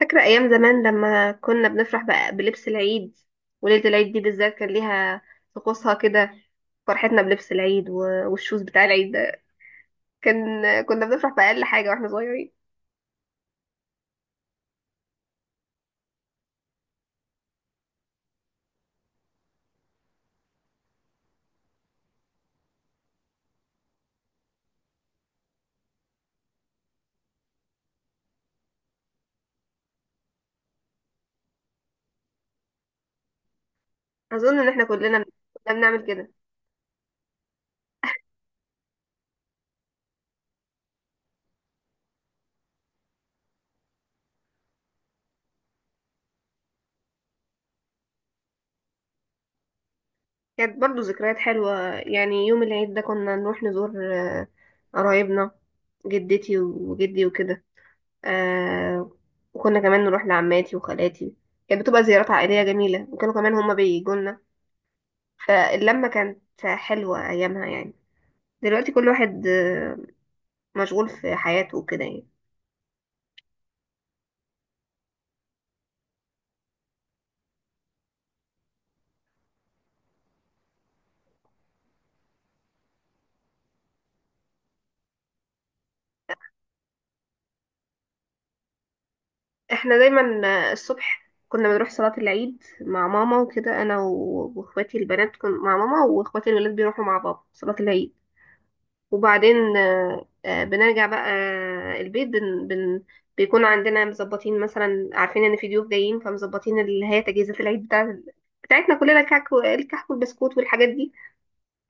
فاكرة أيام زمان لما كنا بنفرح بقى بلبس العيد، وليلة العيد دي بالذات كان ليها طقوسها كده. فرحتنا بلبس العيد و- والشوز بتاع العيد ده كان كنا بنفرح بأقل حاجة واحنا صغيرين. أظن إن احنا كلنا كنا بنعمل كده. كانت برضو ذكريات حلوة، يعني يوم العيد ده كنا نروح نزور قرايبنا، جدتي وجدي وكده. آه، وكنا كمان نروح لعماتي وخالاتي. كانت بتبقى زيارات عائلية جميلة، وكانوا كمان هما بيجولنا. فاللمة كانت حلوة أيامها يعني. دلوقتي كل واحد مشغول في حياته وكده يعني. احنا دايما الصبح كنا بنروح صلاة العيد مع ماما وكده، أنا و- وإخواتي البنات كن مع ماما، وإخواتي الولاد بيروحوا مع بابا صلاة العيد. وبعدين بنرجع بقى البيت. بن بن بيكون عندنا مظبطين مثلا، عارفين إن في ضيوف جايين، فمظبطين اللي هي تجهيزات العيد بتاعتنا كلنا، الكعك الكحك والبسكوت والحاجات دي.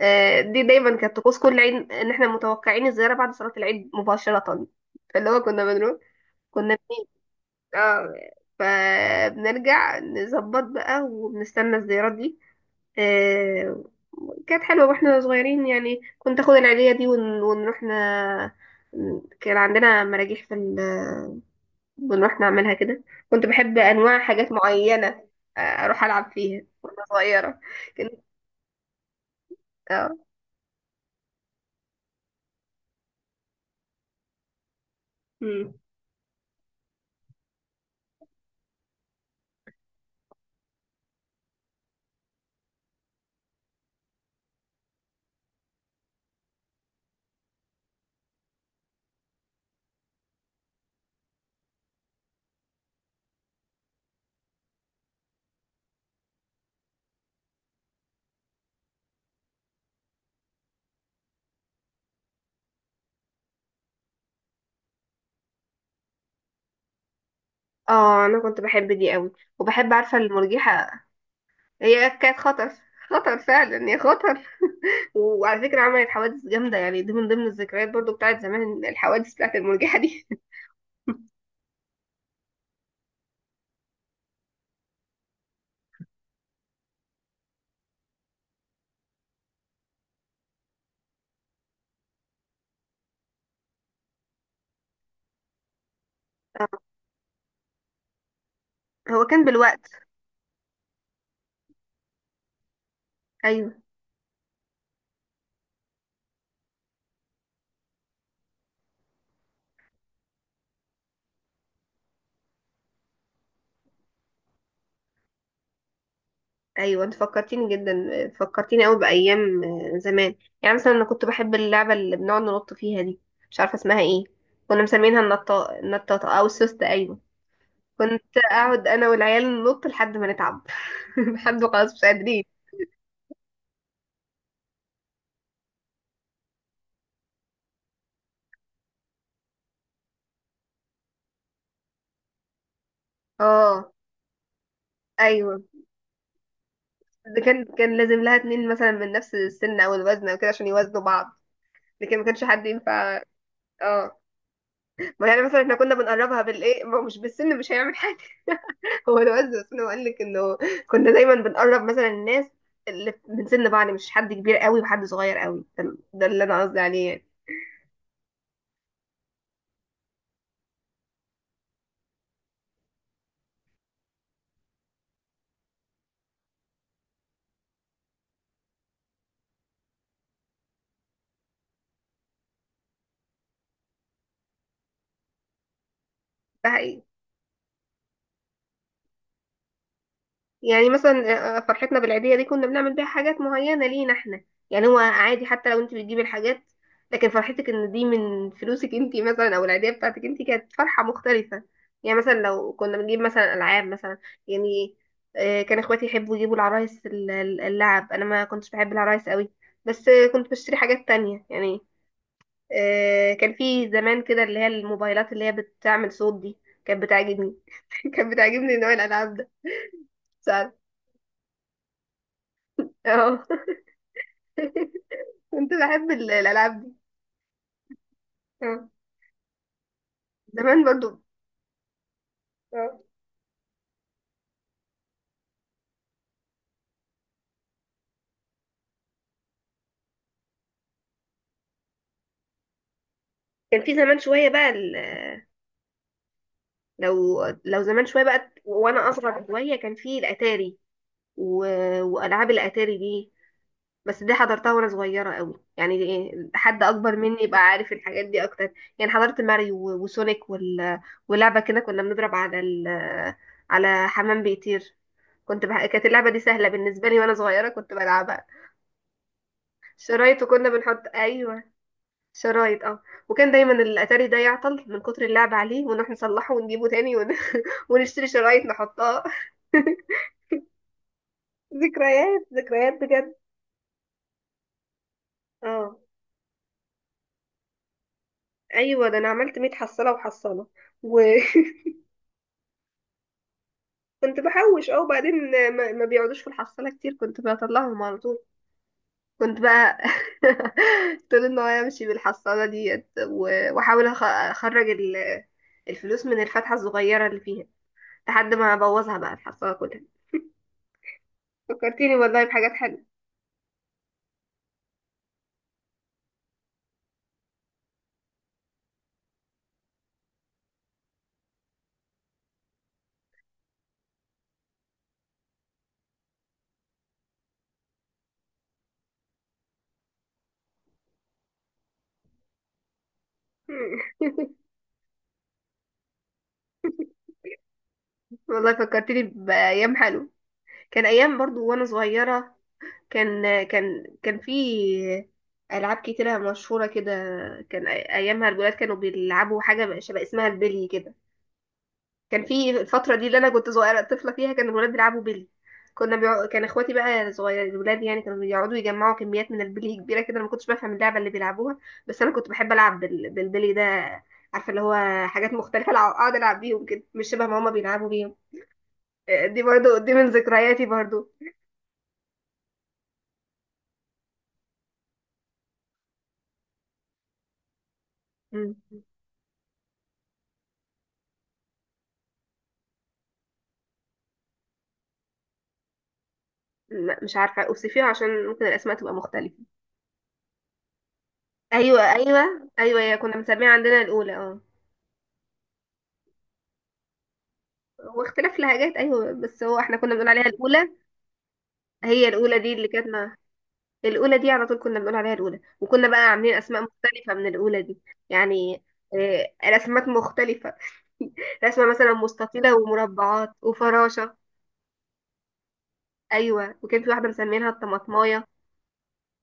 دي دايما كانت طقوس كل عيد، ان احنا متوقعين الزياره بعد صلاه العيد مباشره. فاللي هو كنا بنيجي. اه فبنرجع نظبط بقى وبنستنى الزيارات دي. آه، كانت حلوه واحنا صغيرين يعني، كنت اخد العيديه دي ونروح كان عندنا مراجيح في بنروح نعملها كده. كنت بحب انواع حاجات معينه، اروح العب فيها وانا صغيره. كنت اه مم. اه انا كنت بحب دي قوي، وبحب عارفه المرجحه، هي كانت خطر. خطر فعلا، هي خطر. وعلى فكره عملت حوادث جامده، يعني دي من ضمن الذكريات برضو بتاعت زمان، الحوادث بتاعت المرجحه دي هو كان بالوقت. ايوه، ايوه انت فكرتيني جدا، فكرتيني قوي بايام زمان. يعني مثلا انا كنت بحب اللعبه اللي بنقعد ننط فيها دي، مش عارفه اسمها ايه. كنا مسمينها النطاطه النطاطه او السوسته، ايوه. كنت اقعد انا والعيال ننط لحد ما نتعب، لحد ما خلاص مش قادرين. اه ايوه، ده كان لازم لها اتنين مثلا من نفس السن او الوزن او كده عشان يوازنوا بعض، لكن ما كانش حد ينفع. اه ما يعني مثلا احنا كنا بنقربها بالايه، ما هو مش بالسن مش هيعمل حاجه. هو الوزن بس، انا بقول لك انه كنا دايما بنقرب مثلا الناس اللي من سن بعض، مش حد كبير قوي وحد صغير قوي، ده اللي انا قصدي عليه يعني. ده حقيقي، يعني مثلا فرحتنا بالعيدية دي كنا بنعمل بيها حاجات معينة لينا احنا، يعني هو عادي حتى لو انت بتجيبي الحاجات، لكن فرحتك ان دي من فلوسك انت مثلا او العيدية بتاعتك انت كانت فرحة مختلفة. يعني مثلا لو كنا بنجيب مثلا العاب مثلا، يعني كان اخواتي يحبوا يجيبوا العرايس اللعب. انا ما كنتش بحب العرايس قوي، بس كنت بشتري حاجات تانية يعني. كان في زمان كده اللي هي الموبايلات اللي هي بتعمل صوت دي، كانت بتعجبني. كانت بتعجبني نوع الالعاب ده. ساعات اه كنت بحب الألعاب دي. اه زمان برضو. اه كان في زمان شوية بقى لو زمان شوية بقى وأنا أصغر شوية كان في الأتاري و... وألعاب الأتاري دي. بس دي حضرتها وأنا صغيرة قوي، يعني إيه، حد أكبر مني يبقى عارف الحاجات دي أكتر. يعني حضرت ماريو و- وسونيك ولعبة كده كنا بنضرب على حمام بيطير. كانت اللعبة دي سهلة بالنسبة لي، وأنا صغيرة كنت بلعبها. شرايط، وكنا بنحط أيوه شرايط. اه وكان دايما الاتاري ده يعطل من كتر اللعب عليه، ونروح نصلحه ونجيبه تاني ونشتري شرايط نحطها. ذكريات ذكريات بجد. اه ايوه، ده انا عملت 100 حصاله وحصاله. وكنت بحوش. اه وبعدين ما بيقعدوش في الحصاله كتير، كنت بطلعهم على طول. كنت بقى طول النهار امشي بالحصاله ديت و- واحاول اخرج الفلوس من الفتحه الصغيره اللي فيها لحد ما ابوظها بقى الحصاله كلها. فكرتيني والله بحاجات حلوه. والله فكرتني بأيام حلوة، كان أيام برضو وأنا صغيرة. كان في ألعاب كتيرة مشهورة كده. كان أيامها الولاد كانوا بيلعبوا حاجة شبه اسمها البلي كده. كان في الفترة دي اللي أنا كنت صغيرة طفلة فيها كان الولاد بيلعبوا بلي. كان اخواتي بقى صغير الولاد يعني كانوا بيقعدوا يجمعوا كميات من البلي كبيرة كده. أنا ما كنتش بفهم اللعبة اللي بيلعبوها، بس أنا كنت بحب ألعب بالبلي ده، عارفة اللي هو حاجات مختلفة أقعد ألعب بيهم كده مش شبه ما هما بيلعبوا بيهم. دي برضو دي من ذكرياتي برضو. مم. لا مش عارفة أوصفيها عشان ممكن الأسماء تبقى مختلفة. أيوة أيوة أيوة، هي كنا بنسميها عندنا الأولى. اه هو اختلاف لهجات، أيوة بس هو احنا كنا بنقول عليها الأولى. هي الأولى دي اللي كانت الأولى دي على طول كنا بنقول عليها الأولى، وكنا بقى عاملين أسماء مختلفة من الأولى دي. يعني رسمات مختلفة، رسمة مثلا مستطيلة ومربعات وفراشة. أيوة، وكان في واحدة مسمينها الطماطماية،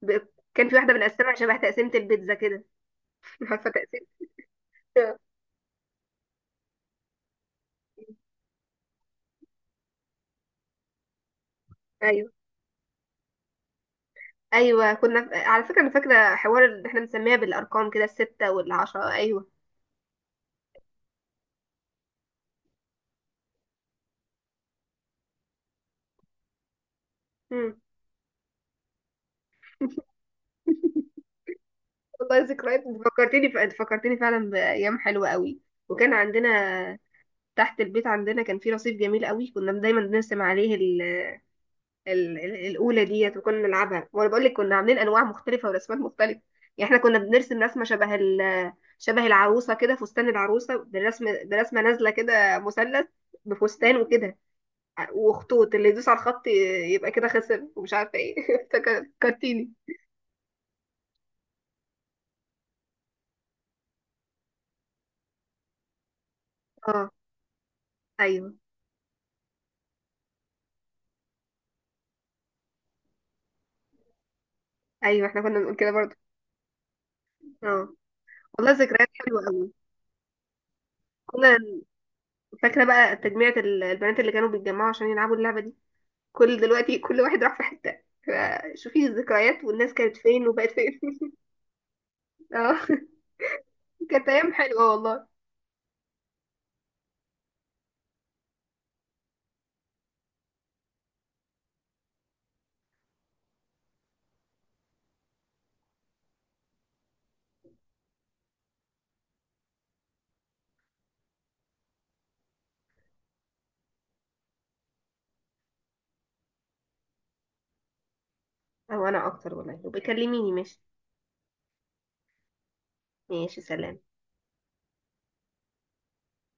ب- كان في واحدة بنقسمها شبه تقسيمة البيتزا كده. عارفة تقسيمة. ايوه ايوه، كنا على فكره انا فاكره حوار اللي احنا بنسميها بالارقام كده، السته والعشره، ايوه. مم. والله ذكريات، انت فكرتني ف... انت فكرتني فعلا بايام حلوه قوي. وكان عندنا تحت البيت عندنا كان في رصيف جميل قوي، كنا دايما بنرسم عليه الاولى ديت وكنا نلعبها. وانا بقول لك كنا عاملين انواع مختلفه ورسمات مختلفه، يعني احنا كنا بنرسم رسمه شبه العروسه كده، فستان العروسه بالرسم برسمه نازله كده مثلث بفستان وكده، وخطوط اللي يدوس على الخط يبقى كده خسر ومش عارفه ايه. فكرتيني. اه ايوه ايوه، احنا كنا بنقول كده برضه. اه والله ذكريات حلوه قوي. كنا فاكره بقى تجميعة البنات اللي كانوا بيتجمعوا عشان يلعبوا اللعبه دي. كل دلوقتي كل واحد راح في حته، شوفي الذكريات والناس كانت فين وبقت فين. اه كانت ايام حلوه والله. او انا اكتر والله، وبيكلميني ماشي. ماشي سلام